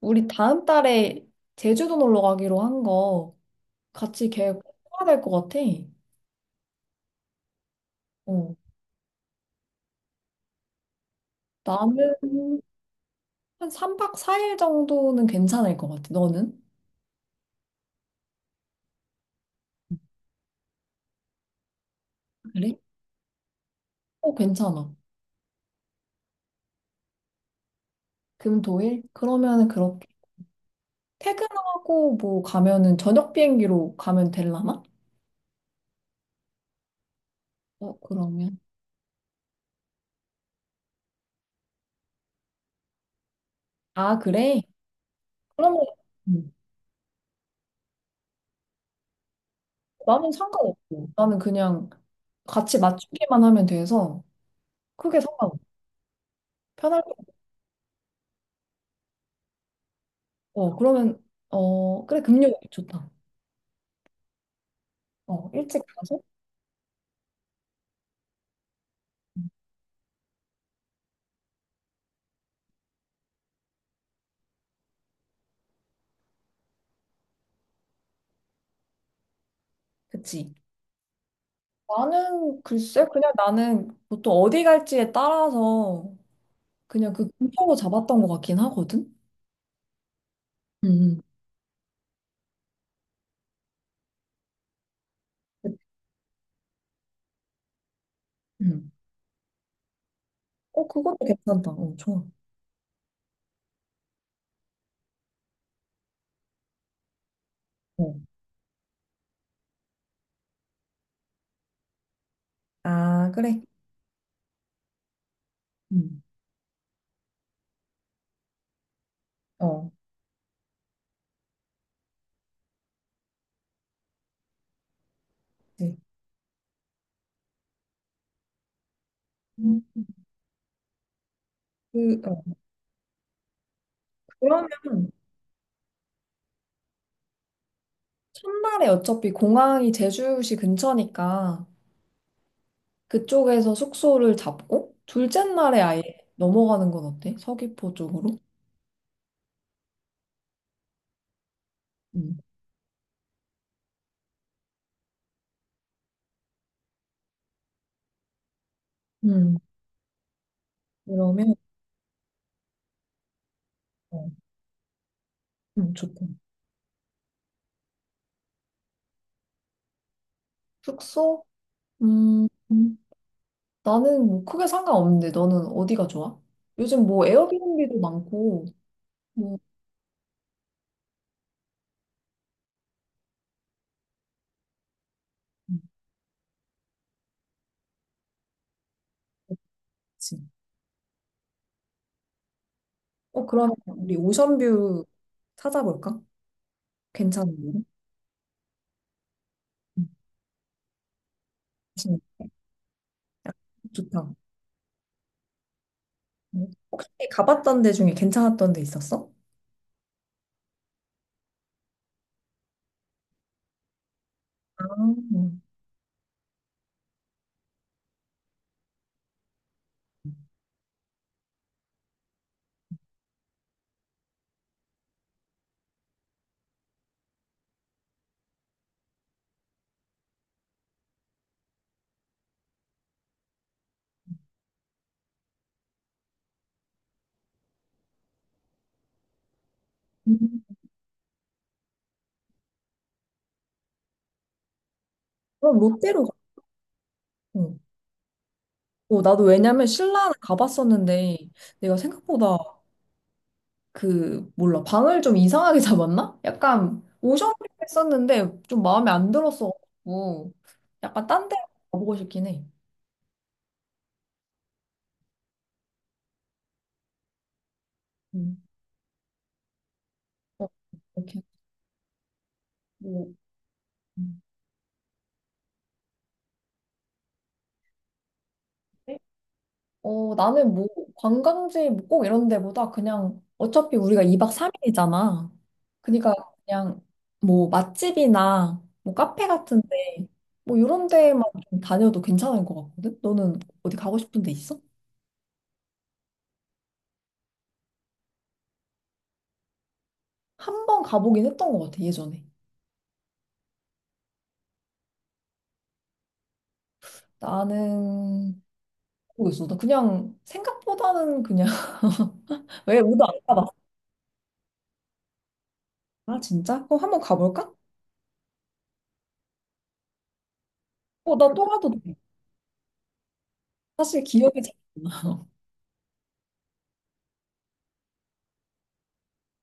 우리 다음 달에 제주도 놀러 가기로 한 거 같이 계획 해야 될 것 같아. 어. 나는 한 3박 4일 정도는 괜찮을 것 같아. 너는? 그래? 어, 괜찮아. 금, 토, 일? 그러면은 그렇게 퇴근하고 뭐 가면은 저녁 비행기로 가면 되려나? 어, 그러면. 아, 그래? 그러면 음. 나는 상관없고. 나는 그냥 같이 맞추기만 하면 돼서 크게 상관없어. 편할 것같 어, 그러면 어, 그래, 금요일 좋다. 어, 일찍 가서? 음, 그치. 나는 글쎄 그냥 나는 보통 어디 갈지에 따라서 그냥 그 근처로 잡았던 것 같긴 하거든. 음, 그- 음, 어 그것도 괜찮다. 어 좋아. 어. 아 그래. 음. 어. 네. 음. 그 어. 그러면 첫날에 어차피 공항이 제주시 근처니까 그쪽에서 숙소를 잡고 둘째 날에 아예 넘어가는 건 어때? 서귀포 쪽으로? 음. 음. 그러면 어, 좋다. 숙소? 음, 음. 나는 뭐 크게 상관없는데 너는 어디가 좋아? 요즘 뭐 에어비앤비도 많고 뭐 음, 그치. 어 그러면 우리 오션뷰 찾아볼까? 괜찮은데? 음, 진짜 좋다. 음. 혹시 가봤던 데 중에 괜찮았던 데 있었어? 아, 음. 그럼 롯데로 가. 어. 어, 나도 왜냐면 신라는 가봤었는데 내가 생각보다 그 몰라 방을 좀 이상하게 잡았나? 약간 오션뷰 했었는데 좀 마음에 안 들었어가지고 약간 딴데 가보고 싶긴 해. 음. 어, 이렇게 뭐 음. 어, 나는 뭐 관광지 뭐꼭 이런 데보다 그냥 어차피 우리가 2박 3일이잖아. 그러니까 그냥 뭐 맛집이나 뭐 카페 같은데 뭐 이런 데만 좀 다녀도 괜찮을 것 같거든? 너는 어디 가고 싶은 데 있어? 한번 가보긴 했던 것 같아 예전에. 나는 모르겠어. 나 그냥 생각보다는 그냥 왜 우도 안 가봤어? 아, 진짜? 그럼 한번 가볼까? 어, 나 또 가도 돼. 사실 기억이 잘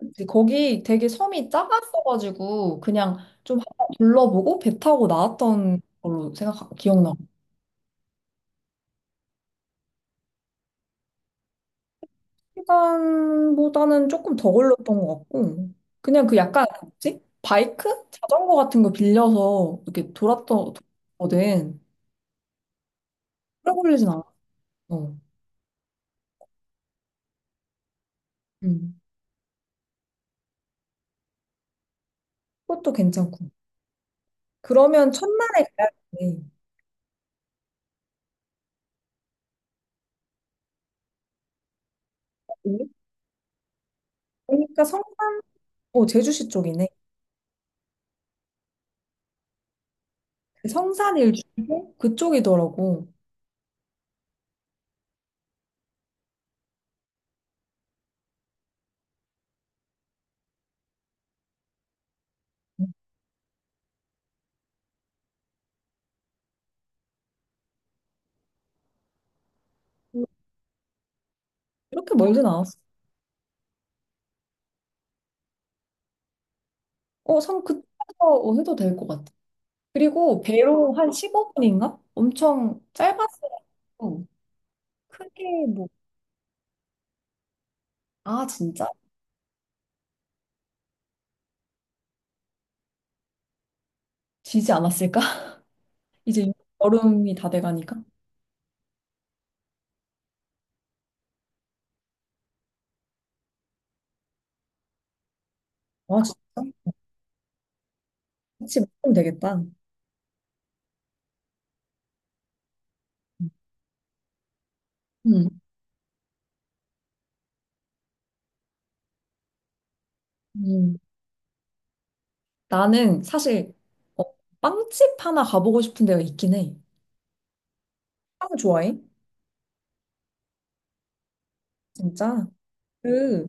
안 나지. 거기 되게 섬이 작았어가지고 그냥 좀 한번 둘러보고 배 타고 나왔던 걸로 생각 기억나. 시간보다는 조금 더 걸렸던 것 같고. 그냥 그 약간 뭐지? 바이크? 자전거 같은 거 빌려서 이렇게 돌았던 돌았거든. 오래 걸리진 않았어. 음. 음. 그것도 괜찮고. 그러면 천만에 가야겠네 그러니까 성산, 어, 제주시 쪽이네. 그 성산 일주고 그쪽이더라고. 응. 이렇게 멀진 않았어. 어, 성 그쪽에서 어, 해도 될 것 같아. 그리고 배로 한 15분인가? 엄청 짧았어요. 크게 뭐, 아, 진짜? 지지 않았을까? 이제 여름이 다 돼가니까. 아, 진짜? 같이 먹으면 되겠다. 음, 음. 나는 사실 어, 빵집 하나 가보고 싶은 데가 있긴 해. 빵 좋아해? 진짜? 그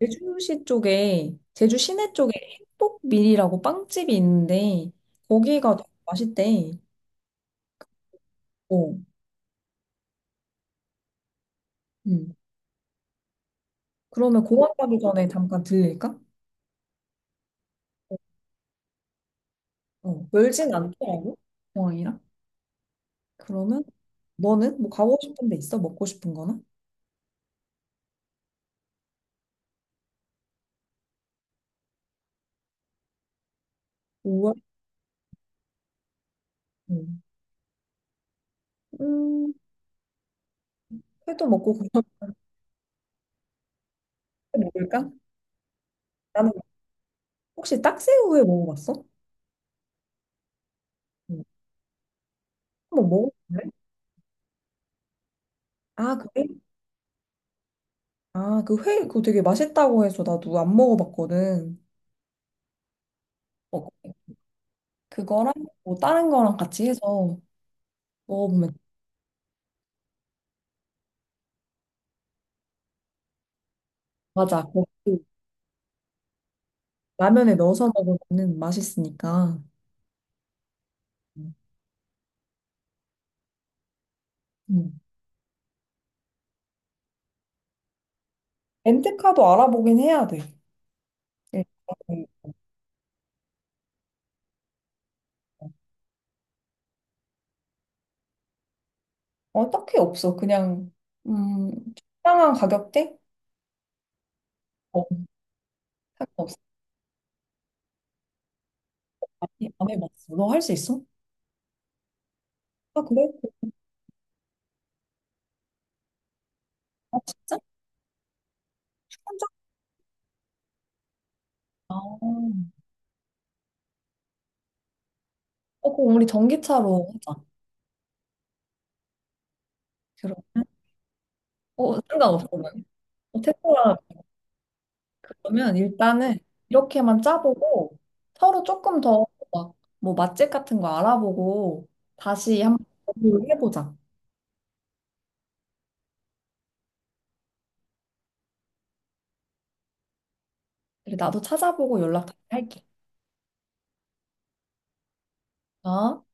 제주시 쪽에 제주 시내 쪽에 행복밀이라고 빵집이 있는데 거기가 되게 맛있대. 어. 음. 그러면 공항 가기 전에 잠깐 들릴까? 어. 어. 멀진 않더라고. 공항이랑. 그러면 너는 뭐 가고 싶은 데 있어? 먹고 싶은 거나? 우와. 음. 음. 회도 먹고 그럼 회 먹을까? 나는 혹시 딱새우회 먹어봤어? 응. 한번 먹어볼래? 아, 그래? 아, 그 회, 그거 되게 맛있다고 해서 나도 안 먹어봤거든. 어, 그거랑 뭐 다른 거랑 같이 해서 먹어보면 맞아. 거기 라면에 넣어서 먹으면 맛있으니까. 음. 렌트카도 알아보긴 해야 돼. 일단은. 어, 딱히 없어. 그냥 음, 적당한 가격대? 어, 딱히 없어 안 해봤어. 너 할 수 있어? 아, 그래? 아, 진짜? 혼자? 아, 어, 그럼 우리 전기차로 하자. 그면 어, 상관없어. 난. 어, 테슬라 그러면 일단은 이렇게만 짜보고 서로 조금 더 막 뭐 맛집 같은 거 알아보고 다시 한번 공유를 해보자. 그래, 나도 찾아보고 연락 다시 할게. 어?